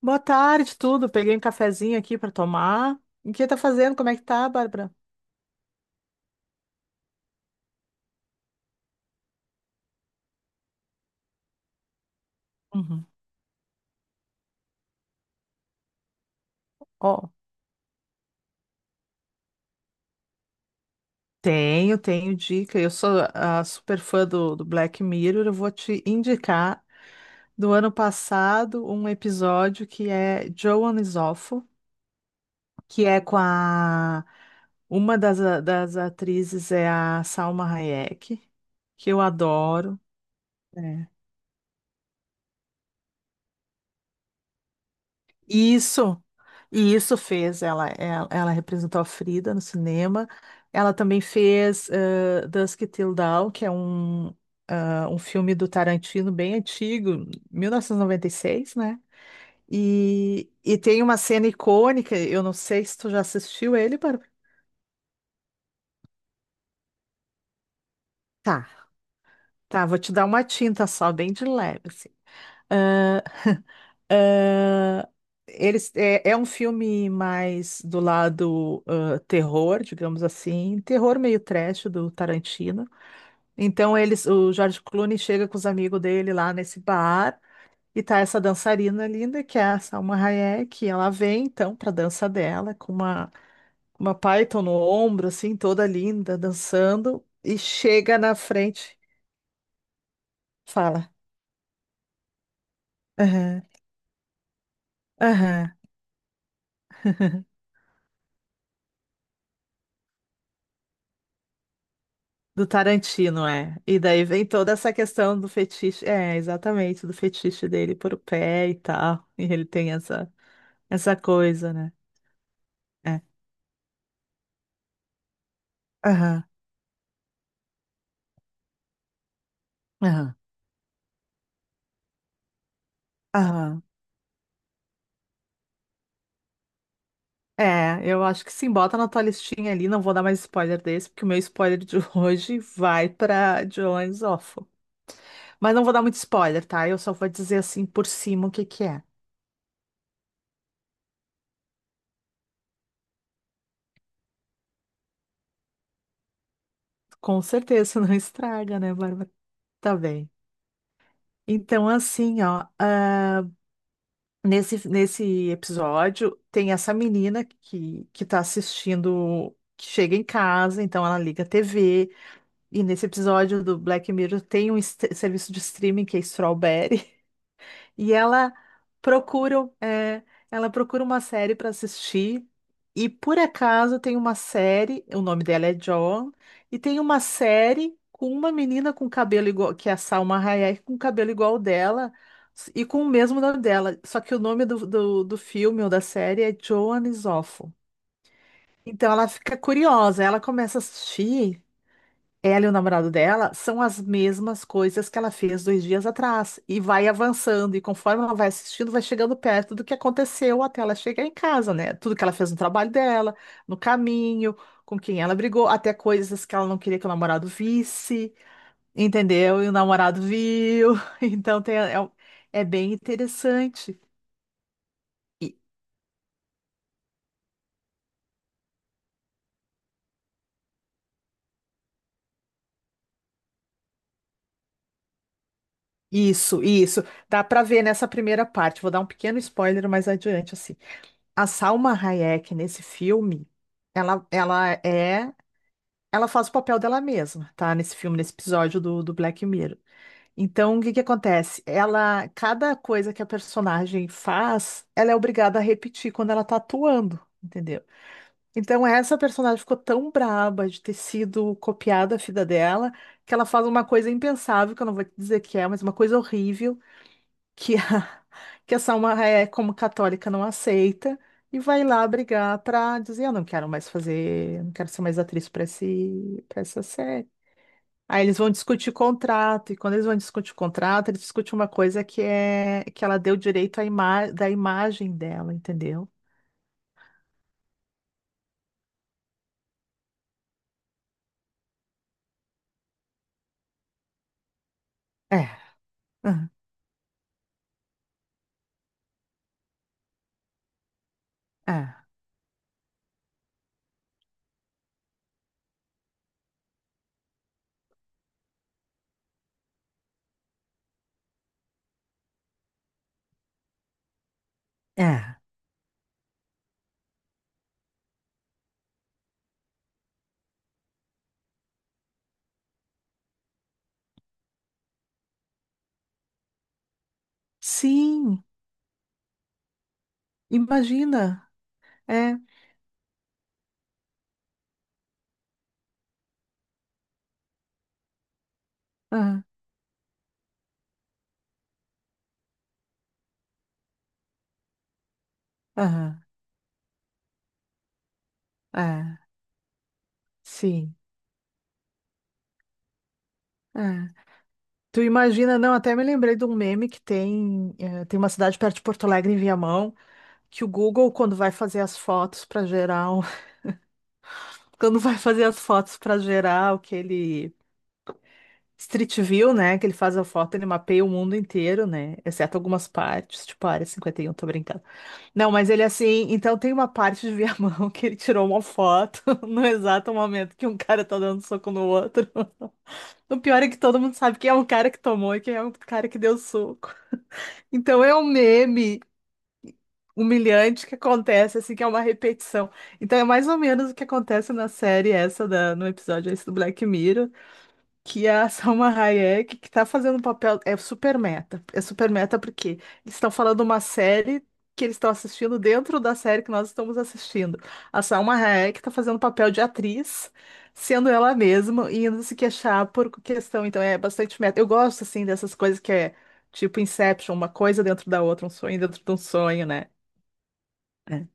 Boa tarde, tudo. Peguei um cafezinho aqui para tomar. O que tá fazendo? Como é que tá, Bárbara? Uhum. Ó, tenho dica. Eu sou a super fã do Black Mirror. Eu vou te indicar do ano passado um episódio que é Joan is Awful, que é com a uma das atrizes é a Salma Hayek, que eu adoro. É. Isso, e isso fez. Ela representou a Frida no cinema. Ela também fez Dusk Till Dawn, que é um filme do Tarantino bem antigo, 1996, né? E tem uma cena icônica. Eu não sei se tu já assistiu ele, Bárbara. Tá, tá, vou te dar uma tinta só, bem de leve, assim. Ah, é um filme mais do lado terror, digamos assim, terror meio trash do Tarantino. Então o George Clooney chega com os amigos dele lá nesse bar e tá essa dançarina linda que é a Salma Hayek, e ela vem então pra dança dela com uma Python no ombro assim, toda linda, dançando e chega na frente, fala: "Aham, aham". Do Tarantino, é. E daí vem toda essa questão do fetiche. É, exatamente, do fetiche dele por o pé e tal. E ele tem essa coisa, né? É. Aham, aham, aham. É, eu acho que sim, bota na tua listinha ali. Não vou dar mais spoiler desse, porque o meu spoiler de hoje vai pra Jones Awful. Mas não vou dar muito spoiler, tá? Eu só vou dizer assim por cima o que que é. Com certeza não estraga, né, Bárbara? Tá bem. Então, assim, ó. Nesse episódio, tem essa menina que tá assistindo, que chega em casa, então ela liga a TV. E nesse episódio do Black Mirror tem um serviço de streaming que é Strawberry. E procura, é, ela procura uma série para assistir. E por acaso tem uma série, o nome dela é John, e tem uma série com uma menina com cabelo igual, que é a Salma Hayek, com cabelo igual ao dela e com o mesmo nome dela. Só que o nome do filme ou da série é Joan Isoffo. Então ela fica curiosa, ela começa a assistir ela e o namorado dela são as mesmas coisas que ela fez 2 dias atrás e vai avançando e conforme ela vai assistindo, vai chegando perto do que aconteceu até ela chegar em casa, né? Tudo que ela fez no trabalho dela, no caminho, com quem ela brigou, até coisas que ela não queria que o namorado visse, entendeu? E o namorado viu. Então é bem interessante. E- Isso, isso. Dá pra ver nessa primeira parte. Vou dar um pequeno spoiler mais adiante, assim. A Salma Hayek nesse filme, ela, ela é, ela faz o papel dela mesma, tá? Nesse filme, nesse episódio do Black Mirror. Então, o que que acontece? Ela, cada coisa que a personagem faz, ela é obrigada a repetir quando ela tá atuando, entendeu? Então, essa personagem ficou tão braba de ter sido copiada a vida dela, que ela faz uma coisa impensável, que eu não vou te dizer que é, mas uma coisa horrível que a, que a Salma é como católica não aceita e vai lá brigar para dizer eu não quero mais fazer, não quero ser mais atriz para essa série. Aí eles vão discutir o contrato e quando eles vão discutir o contrato, eles discutem uma coisa que é que ela deu direito à ima da imagem dela, entendeu? É, aham, é, é. Sim, imagina. É, aham, aham, é, sim. É. Tu imagina, não, até me lembrei de um meme que tem, tem uma cidade perto de Porto Alegre, em Viamão, que o Google, quando vai fazer as fotos para gerar, quando vai fazer as fotos para gerar aquele Street View, né, que ele faz a foto, ele mapeia o mundo inteiro, né, exceto algumas partes, tipo a Área 51, tô brincando. Não, mas ele assim, então tem uma parte de Viamão que ele tirou uma foto no exato momento que um cara tá dando soco no outro. O pior é que todo mundo sabe quem é o cara que tomou e quem é o cara que deu soco. Então é um meme humilhante que acontece, assim, que é uma repetição. Então é mais ou menos o que acontece na série essa, no episódio esse do Black Mirror que é a Salma Hayek, que tá fazendo um papel, é super meta. É super meta porque eles estão falando uma série que eles estão assistindo dentro da série que nós estamos assistindo. A Salma Hayek tá fazendo papel de atriz, sendo ela mesma e indo se queixar por questão. Então é bastante meta. Eu gosto, assim, dessas coisas que é tipo Inception, uma coisa dentro da outra, um sonho dentro de um sonho, né? É.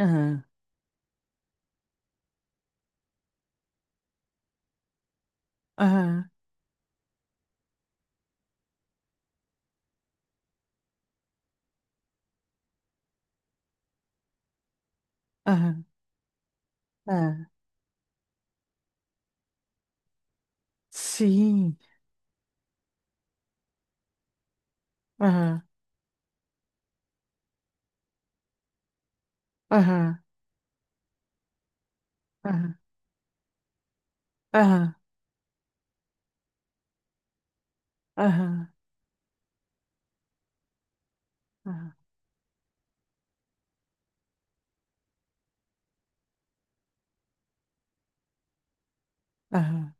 Aham, aham, aham, aham. Sim. Aham, aham, aham, aham, aham. Aham. Aham.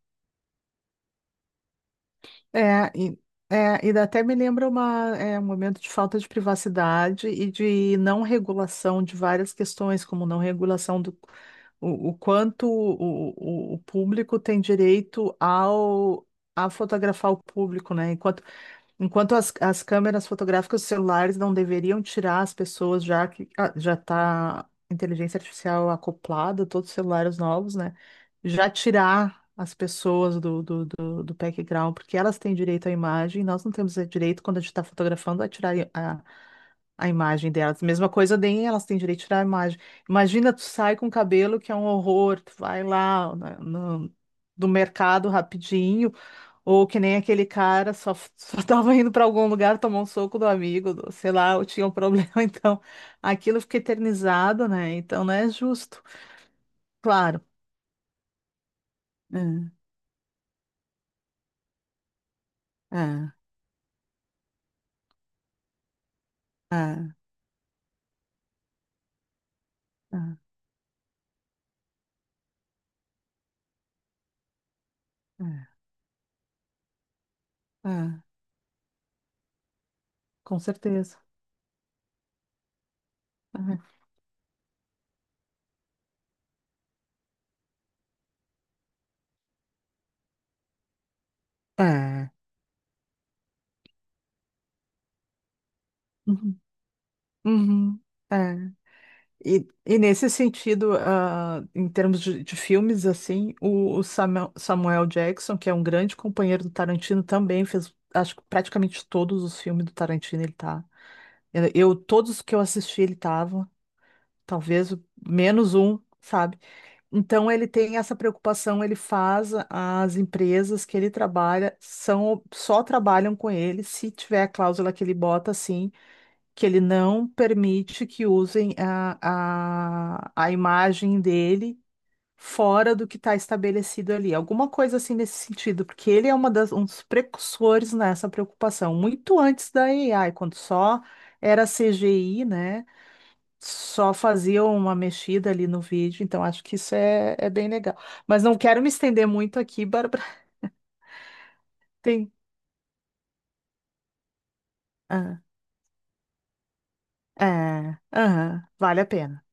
É, e, é, e até me lembra uma, é, um momento de falta de privacidade e de não regulação de várias questões, como não regulação do o quanto o público tem direito ao a fotografar o público, né? Enquanto as câmeras fotográficas dos celulares não deveriam tirar as pessoas, já que ah, já está inteligência artificial acoplada, todos os celulares novos, né? Já tirar as pessoas do background, porque elas têm direito à imagem, nós não temos direito, quando a gente está fotografando, a tirar a imagem delas. Mesma coisa, nem elas têm direito a tirar a imagem. Imagina, tu sai com um cabelo, que é um horror, tu vai lá do mercado rapidinho ou que nem aquele cara só, só tava indo para algum lugar, tomou um soco do amigo, sei lá, ou tinha um problema. Então, aquilo fica eternizado, né? Então não é justo. Claro. É, é, é, é, é, é, com certeza. É. É. Uhum, uhum, é. E nesse sentido, ah, em termos de filmes, assim, o Samuel, Jackson, que é um grande companheiro do Tarantino, também fez, acho que praticamente todos os filmes do Tarantino ele tá. Todos os que eu assisti, ele tava, talvez menos um, sabe? Então ele tem essa preocupação, ele as empresas que ele trabalha são só trabalham com ele se tiver a cláusula que ele bota assim, que ele não permite que usem a imagem dele fora do que está estabelecido ali. Alguma coisa assim nesse sentido, porque ele é um dos precursores nessa preocupação, muito antes da AI, quando só era CGI, né? Só faziam uma mexida ali no vídeo, então acho que isso é, é bem legal. Mas não quero me estender muito aqui, Bárbara. Tem. Ah, é, aham, vale a pena.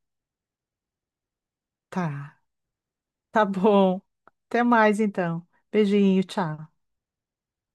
Tá, tá bom. Até mais então. Beijinho, tchau.